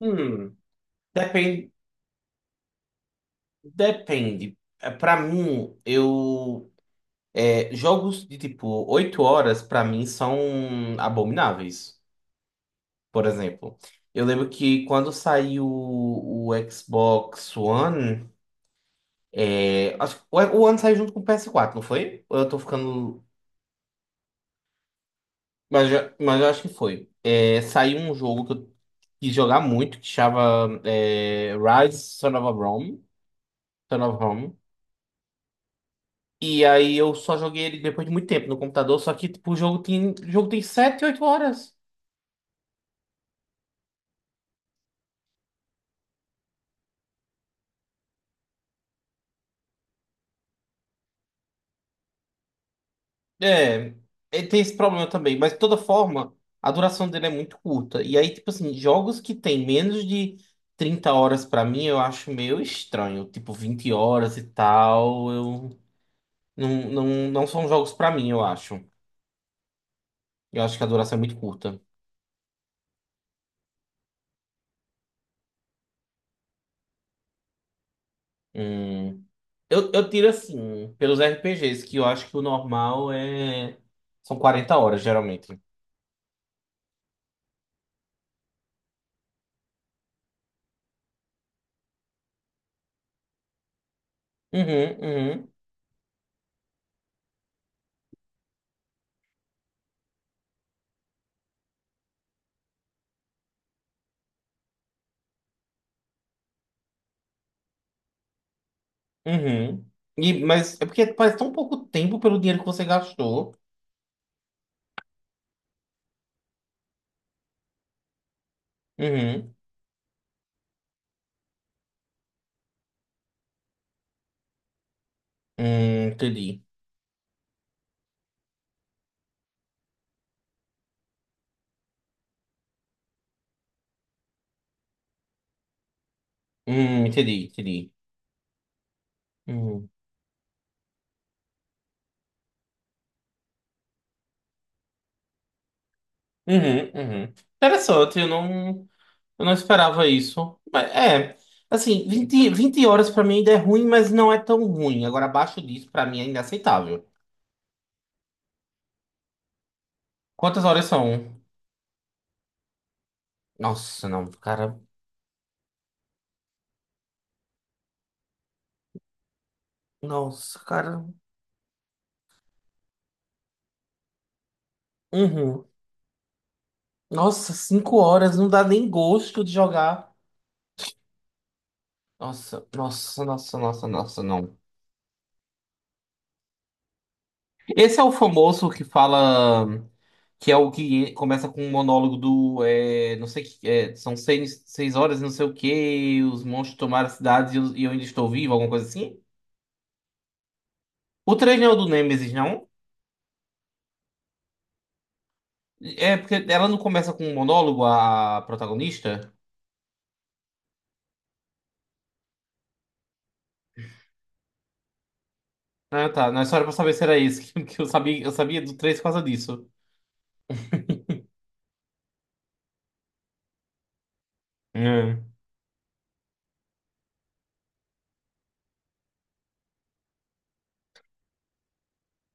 Hum, depende, depende. Para mim, jogos de tipo 8 horas para mim são abomináveis. Por exemplo, eu lembro que quando saiu o Xbox One, acho que o One saiu junto com o PS4, não foi? Ou eu tô ficando, mas eu acho que foi. É, saiu um jogo que eu quis jogar muito que chama Rise Son of a Rome, Son of Rome. E aí eu só joguei ele depois de muito tempo no computador, só que tipo, o jogo tem sete oito horas. É, ele tem esse problema também, mas de toda forma, a duração dele é muito curta. E aí, tipo assim, jogos que tem menos de 30 horas pra mim, eu acho meio estranho. Tipo, 20 horas e tal, eu não, não, não são jogos pra mim, eu acho. Eu acho que a duração é muito curta. Hum, eu tiro assim, pelos RPGs, que eu acho que o normal é são 40 horas, geralmente. Uhum, uhum, uhum. E, mas é porque faz tão pouco tempo pelo dinheiro que você gastou. Uhum. Entendi. Entendi, entendi. Uhum. Uhum, uhum. Interessante, eu não esperava isso. Mas é, assim, vinte horas pra mim ainda é ruim, mas não é tão ruim. Agora, abaixo disso, pra mim é inaceitável. Quantas horas são? Nossa, não, cara. Nossa, cara. Uhum. Nossa, 5 horas não dá nem gosto de jogar. Nossa, nossa, nossa, nossa, nossa, não. Esse é o famoso que fala. Que é o que começa com um monólogo do. Não sei que. São seis horas e não sei o quê. Os monstros tomaram a cidade e eu ainda estou vivo, alguma coisa assim. O 3 não é o do Nemesis, não? É porque ela não começa com um monólogo, a protagonista? Ah, tá. Não é só era pra saber se era esse. Que eu sabia do 3 por causa disso. É.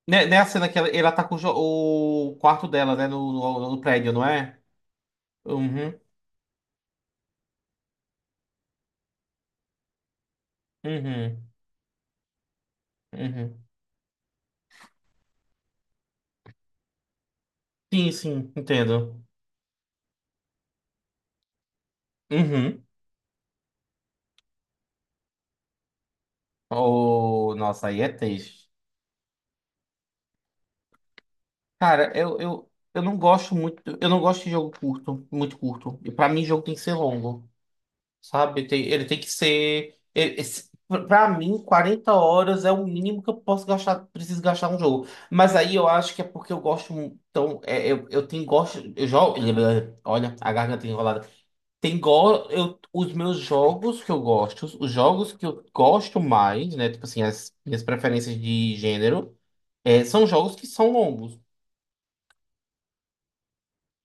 Né, a cena que ela tá com o quarto dela, né? No prédio, não é? Uhum. Uhum, uhum. Sim, sim, entendo. Uhum. Oh, nossa, aí é triste. Cara, eu não gosto muito. Eu não gosto de jogo curto, muito curto. E pra mim, jogo tem que ser longo, sabe? Ele tem que ser. Pra mim, 40 horas é o mínimo que eu posso gastar, preciso gastar um jogo. Mas aí eu acho que é porque eu gosto. Então, é, eu tenho gosto. Eu jogo. Olha, a garganta enrolada. Os meus jogos que eu gosto, os jogos que eu gosto mais, né? Tipo assim, as minhas preferências de gênero, são jogos que são longos.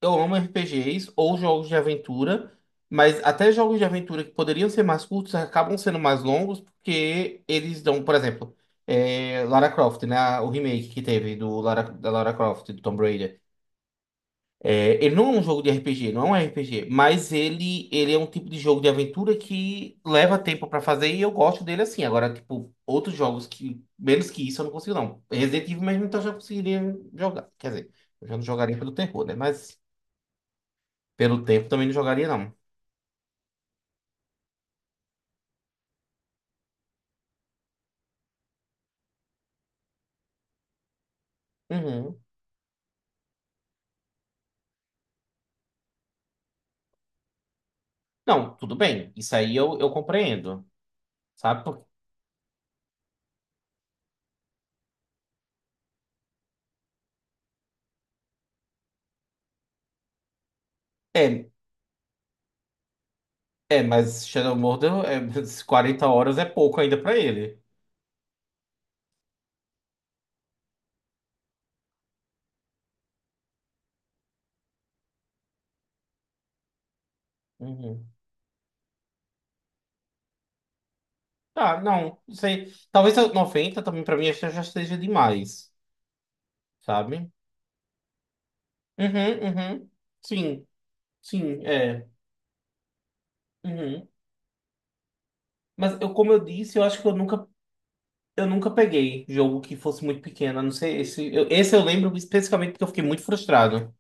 Eu amo RPGs ou jogos de aventura, mas até jogos de aventura que poderiam ser mais curtos acabam sendo mais longos porque eles dão, por exemplo, Lara Croft, né? O remake que teve do Lara, da Lara Croft, do Tomb Raider. É, ele não é um jogo de RPG, não é um RPG, mas ele é um tipo de jogo de aventura que leva tempo pra fazer e eu gosto dele assim. Agora, tipo, outros jogos que, menos que isso, eu não consigo, não. Resident Evil mesmo, então eu já conseguiria jogar. Quer dizer, eu já não jogaria pelo terror, né? Mas pelo tempo também não jogaria, não. Uhum. Não, tudo bem. Isso aí eu compreendo, sabe? É, mas Shadow Mordor, 40 horas é pouco ainda pra ele. Uhum. Ah, não, não sei. Talvez 90 também pra mim acho que já esteja demais, sabe? Uhum, uhum. Sim, sim, é. Uhum. Mas eu, como eu disse, eu acho que eu nunca peguei jogo que fosse muito pequeno. A Não sei, esse eu lembro especificamente porque eu fiquei muito frustrado.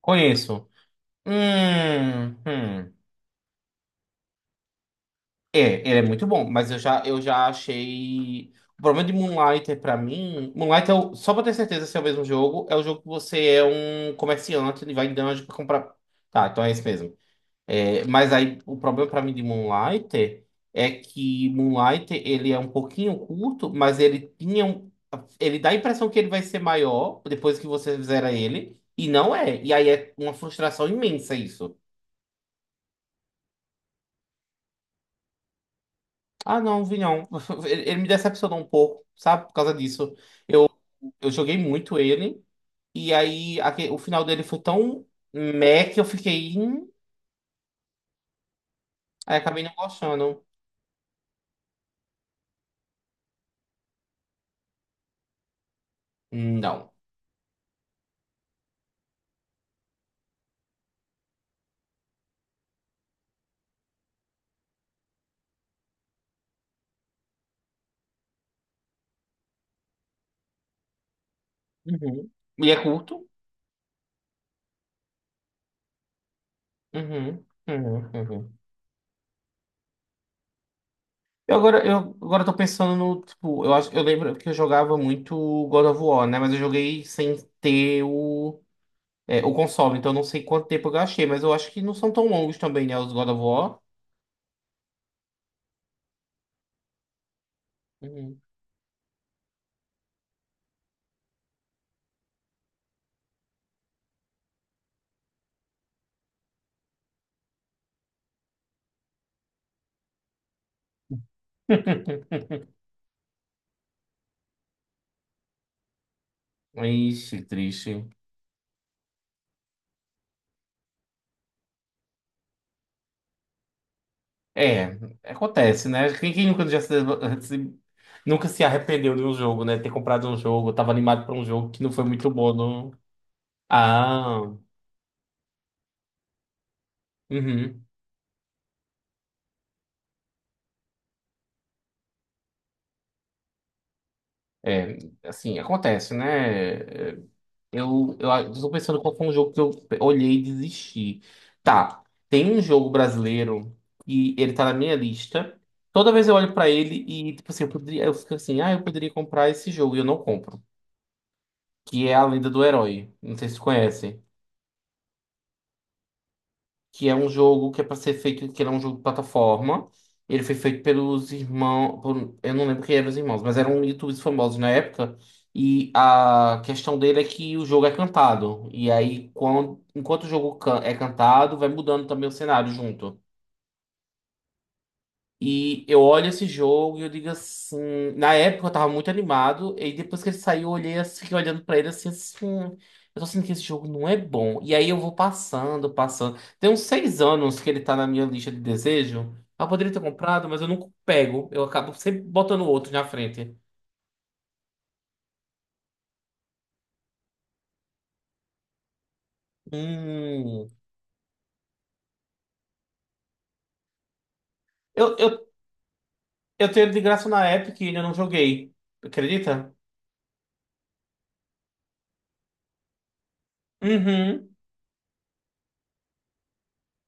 Conheço. Hum, hum. É, ele é muito bom, mas eu já achei. O problema de Moonlighter pra mim. Moonlighter, é só pra ter certeza se é o mesmo jogo, é o jogo que você é um comerciante, ele vai em dungeon pra comprar. Tá, então é esse mesmo. É, mas aí o problema pra mim de Moonlighter é que Moonlighter ele é um pouquinho curto, mas ele tinha um. Ele dá a impressão que ele vai ser maior depois que você zera ele, e não é. E aí é uma frustração imensa isso. Ah, não, vi não. Ele me decepcionou um pouco, sabe? Por causa disso. Eu, eu joguei muito ele, e aí o final dele foi tão meh que eu fiquei. Aí acabei não gostando. Não. Uhum. Ele é curto. Uhum. Uhum. Uhum. Eu agora tô pensando no, tipo, eu acho, eu lembro que eu jogava muito God of War, né? Mas eu joguei sem ter o, o console, então eu não sei quanto tempo eu gastei, mas eu acho que não são tão longos também, né? Os God of War. Uhum. Ixi, triste. É, acontece, né? Quem, quem nunca, já se, se- nunca se arrependeu de um jogo, né? Ter comprado um jogo, tava animado pra um jogo que não foi muito bom. Não... Ah, uhum. É, assim, acontece, né? É, eu tô pensando qual foi um jogo que eu olhei e desisti. Tá, tem um jogo brasileiro e ele tá na minha lista. Toda vez eu olho pra ele e, tipo assim, eu poderia, eu fico assim, ah, eu poderia comprar esse jogo e eu não compro. Que é A Lenda do Herói. Não sei se conhece. Que é um jogo que é para ser feito, que ele é um jogo de plataforma. Ele foi feito pelos irmãos, eu não lembro quem eram os irmãos, mas eram YouTubers famosos na época. E a questão dele é que o jogo é cantado. E aí, quando, enquanto o jogo é cantado, vai mudando também o cenário junto. E eu olho esse jogo e eu digo assim. Na época eu tava muito animado, e depois que ele saiu, eu olhei assim, fiquei olhando pra ele assim, assim. Eu tô sentindo que esse jogo não é bom. E aí eu vou passando, passando. Tem uns 6 anos que ele tá na minha lista de desejo. Eu poderia ter comprado, mas eu nunca pego. Eu acabo sempre botando outro na frente. Hum. Eu, eu, eu tenho ele de graça na Epic e eu não joguei. Acredita? Uhum.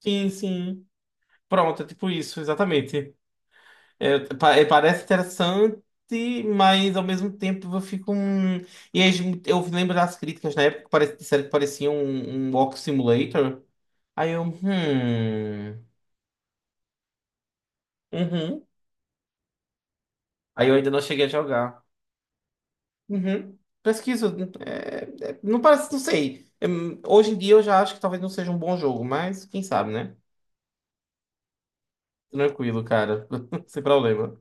Sim, sim. Pronto, é tipo isso, exatamente. É, é, parece interessante, mas ao mesmo tempo eu fico um. E aí, eu lembro das críticas na época que disseram que parecia um Walk Simulator. Aí eu. Hum. Uhum. Aí eu ainda não cheguei a jogar. Uhum. Pesquisa. Não parece, não sei. É, hoje em dia eu já acho que talvez não seja um bom jogo, mas quem sabe, né? Tranquilo, cara. Sem problema.